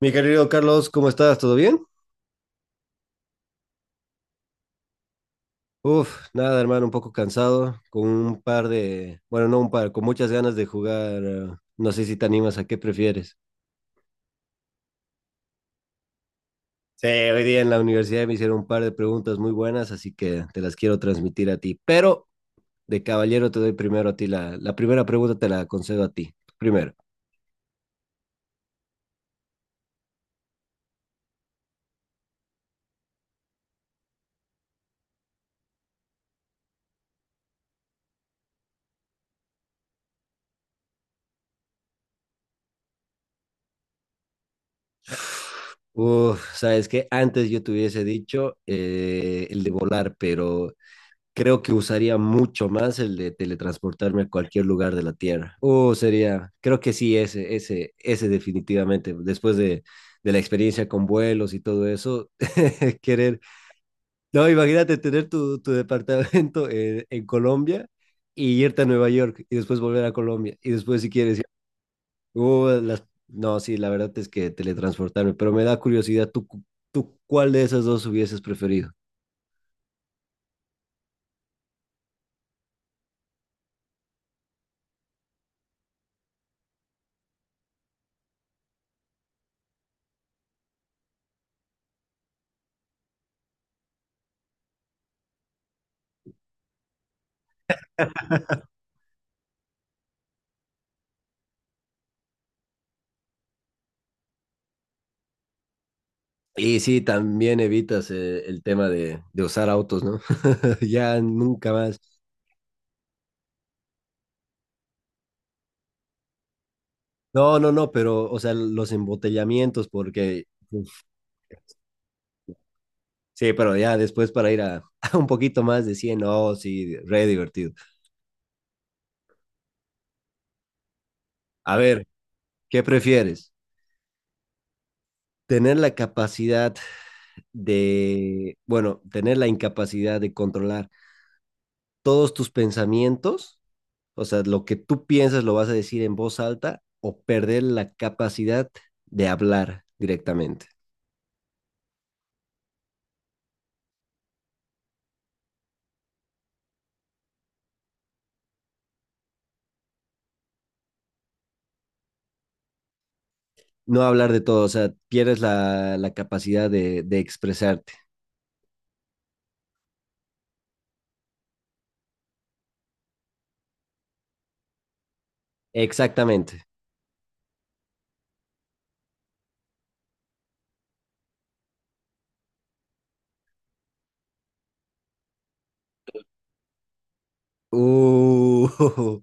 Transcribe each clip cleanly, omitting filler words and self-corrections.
Mi querido Carlos, ¿cómo estás? ¿Todo bien? Uf, nada, hermano, un poco cansado, con un par de, bueno, no un par, con muchas ganas de jugar. No sé si te animas a qué prefieres. Sí, hoy día en la universidad me hicieron un par de preguntas muy buenas, así que te las quiero transmitir a ti. Pero de caballero te doy primero a ti la primera pregunta, te la concedo a ti. Primero. Uf, sabes que antes yo te hubiese dicho el de volar, pero creo que usaría mucho más el de teletransportarme a cualquier lugar de la Tierra. O sería, creo que sí, ese definitivamente, después de la experiencia con vuelos y todo eso, querer, no, imagínate tener tu departamento en Colombia y irte a Nueva York y después volver a Colombia y después si quieres, no, sí, la verdad es que teletransportarme, pero me da curiosidad, ¿tú cuál de esas dos hubieses preferido? Y sí, también evitas el tema de usar autos, ¿no? Ya nunca más. No, no, no, pero, o sea, los embotellamientos, porque, uf, sí, pero ya después para ir a, a un poquito más de 100, no, sí, re divertido. A ver, ¿qué prefieres? ¿Tener la capacidad de, bueno, tener la incapacidad de controlar todos tus pensamientos. O sea, lo que tú piensas lo vas a decir en voz alta o perder la capacidad de hablar directamente. No hablar de todo, o sea, pierdes la capacidad de expresarte. Exactamente. Uh.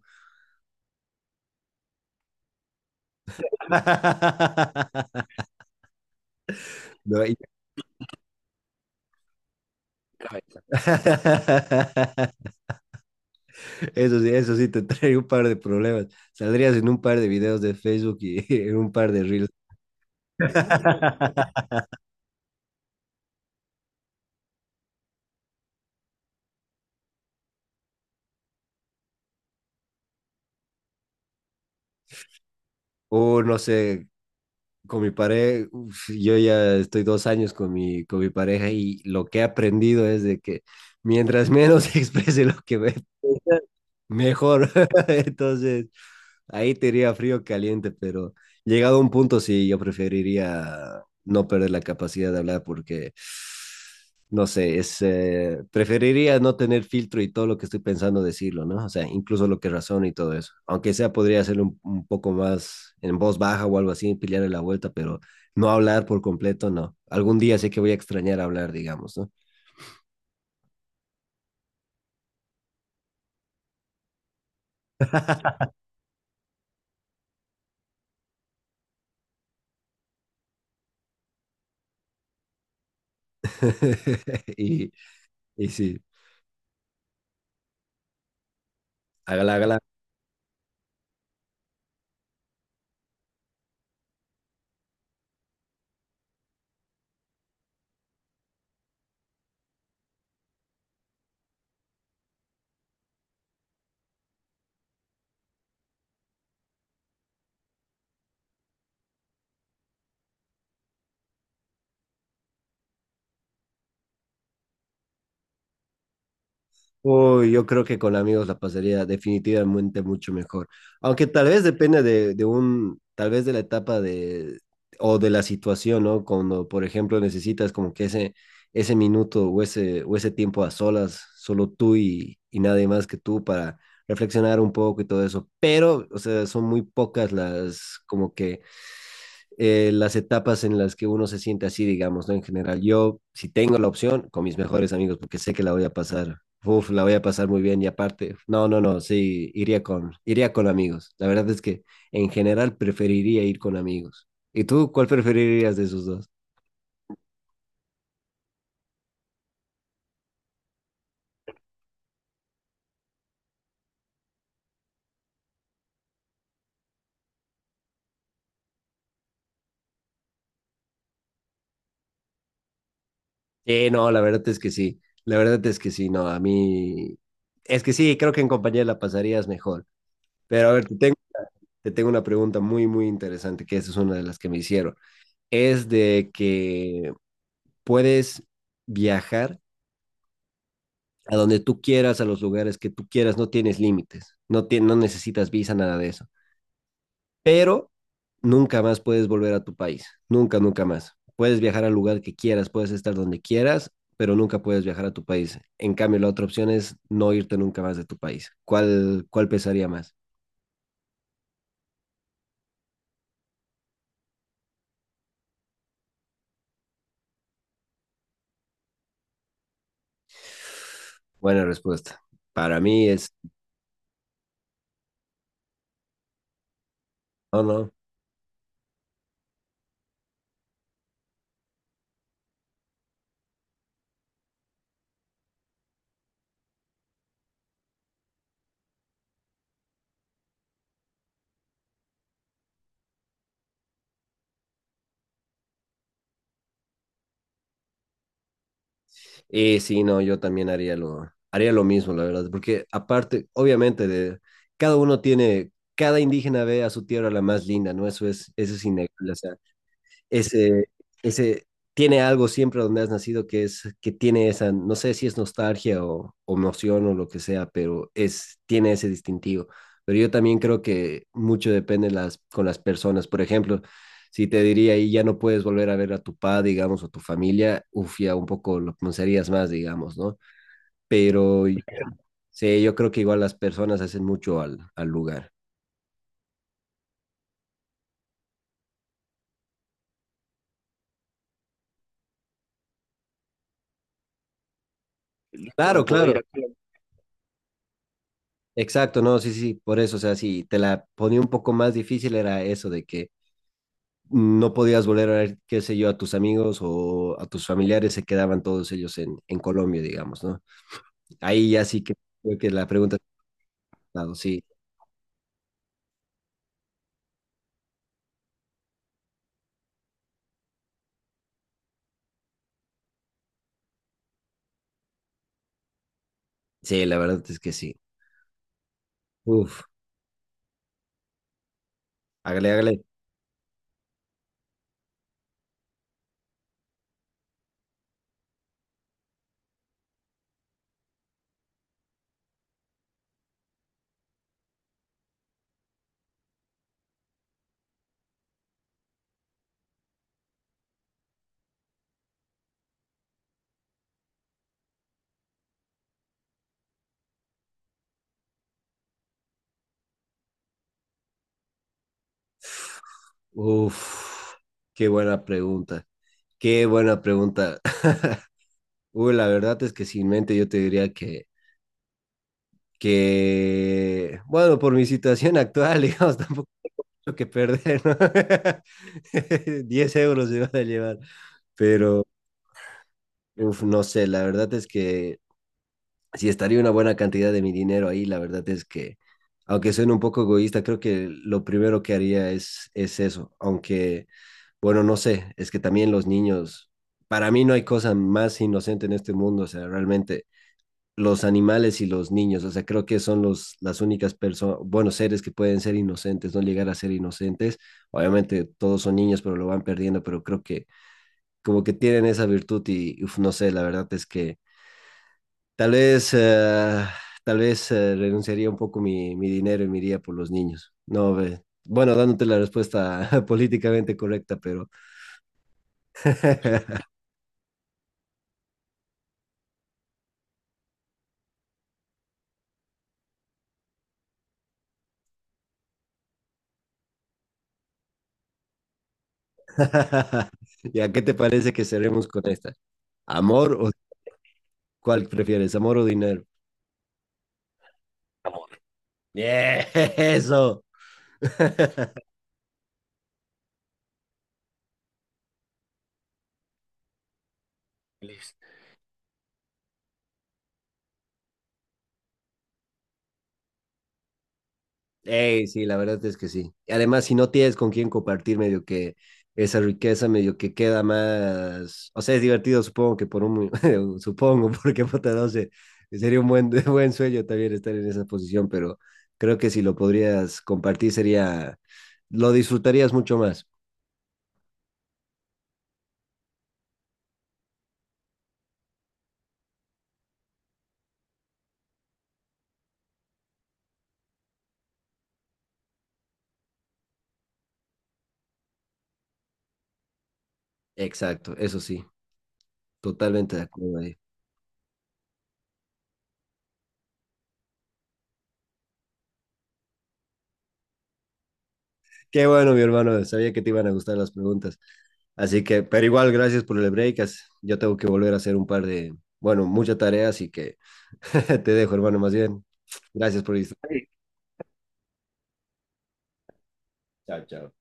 No. Eso sí te trae un par de problemas. Saldrías en un par de videos de Facebook y en un par de reels. O no sé, con mi pareja, yo ya estoy 2 años con mi pareja y lo que he aprendido es de que mientras menos exprese lo que ve, mejor. Entonces, ahí te iría frío caliente, pero llegado a un punto sí, yo preferiría no perder la capacidad de hablar porque, no sé, es, preferiría no tener filtro y todo lo que estoy pensando decirlo, ¿no? O sea, incluso lo que razono y todo eso. Aunque sea, podría hacerlo un, poco más en voz baja o algo así, pillarle la vuelta, pero no hablar por completo, no. Algún día sé que voy a extrañar hablar, digamos, ¿no? Y, y sí, hágala, hágala. Uy, yo creo que con amigos la pasaría definitivamente mucho mejor. Aunque tal vez depende de, un, tal vez de la etapa de, o de la situación, ¿no? Cuando, por ejemplo, necesitas como que ese minuto o ese tiempo a solas, solo tú y nadie más que tú para reflexionar un poco y todo eso. Pero, o sea, son muy pocas las, como que las etapas en las que uno se siente así, digamos, ¿no? En general, yo si tengo la opción con mis mejores amigos, porque sé que la voy a pasar, uf, la voy a pasar muy bien y aparte, no, no, no, sí, iría con amigos. La verdad es que en general preferiría ir con amigos. ¿Y tú cuál preferirías de esos dos? Sí, no, la verdad es que sí, la verdad es que sí, no, a mí, es que sí, creo que en compañía la pasarías mejor. Pero a ver, te tengo una pregunta muy, muy interesante, que esa es una de las que me hicieron. Es de que puedes viajar a donde tú quieras, a los lugares que tú quieras, no tienes límites, no, no necesitas visa, nada de eso. Pero nunca más puedes volver a tu país, nunca, nunca más. Puedes viajar al lugar que quieras, puedes estar donde quieras, pero nunca puedes viajar a tu país. En cambio, la otra opción es no irte nunca más de tu país. ¿Cuál pesaría más? Buena respuesta. Para mí es, no, no. Y sí, no, yo también haría lo mismo, la verdad, porque aparte, obviamente, de, cada uno tiene, cada indígena ve a su tierra la más linda, ¿no? Eso es innegable, o sea, ese, ese, tiene algo siempre donde has nacido que es, que tiene esa, no sé si es nostalgia o emoción o lo que sea, pero es, tiene ese distintivo. Pero yo también creo que mucho depende con las personas. Por ejemplo, si te diría y ya no puedes volver a ver a tu padre, digamos, o tu familia, uf, ya un poco lo pensarías más, digamos, ¿no? Pero sí, yo creo que igual las personas hacen mucho al, al lugar. Claro, claro. Exacto, no, sí, sí, por eso, o sea, si te la ponía un poco más difícil era eso de que no podías volver a ver, qué sé yo, a tus amigos o a tus familiares, se quedaban todos ellos en Colombia, digamos, ¿no? Ahí ya sí que creo que la pregunta, claro, sí, sí, la verdad es que sí. Uf, hágale, hágale. Uf, qué buena pregunta, qué buena pregunta. Uy, la verdad es que sin mente yo te diría que, bueno, por mi situación actual, digamos, tampoco mucho que perder, ¿no? 10 euros se van a llevar, pero uf, no sé, la verdad es que si estaría una buena cantidad de mi dinero ahí, la verdad es que, aunque suene un poco egoísta, creo que lo primero que haría es eso, aunque, bueno, no sé, es que también los niños, para mí no hay cosa más inocente en este mundo, o sea, realmente los animales y los niños. O sea, creo que son los, las únicas personas, buenos seres que pueden ser inocentes, no llegar a ser inocentes. Obviamente todos son niños, pero lo van perdiendo, pero creo que como que tienen esa virtud y uf, no sé, la verdad es que tal vez, eh, tal vez renunciaría un poco mi, dinero y me iría por los niños. No, ve. Bueno, dándote la respuesta políticamente correcta, pero ¿ya qué te parece que cerremos con esta? ¿Amor o cuál prefieres, amor o dinero? Yeah, eso. Listo. Ey, sí, la verdad es que sí. Y además, si no tienes con quién compartir, medio que esa riqueza, medio que queda más. O sea, es divertido, supongo que por un. supongo, porque puta, no sé. Sería un buen, buen sueño también estar en esa posición, pero creo que si lo podrías compartir, sería. Lo disfrutarías mucho más. Exacto, eso sí, totalmente de acuerdo ahí. Qué bueno, mi hermano, sabía que te iban a gustar las preguntas. Así que, pero igual, gracias por el break. Yo tengo que volver a hacer un par de, bueno, mucha tarea, así que te dejo, hermano, más bien. Gracias por estar. Chao, chao.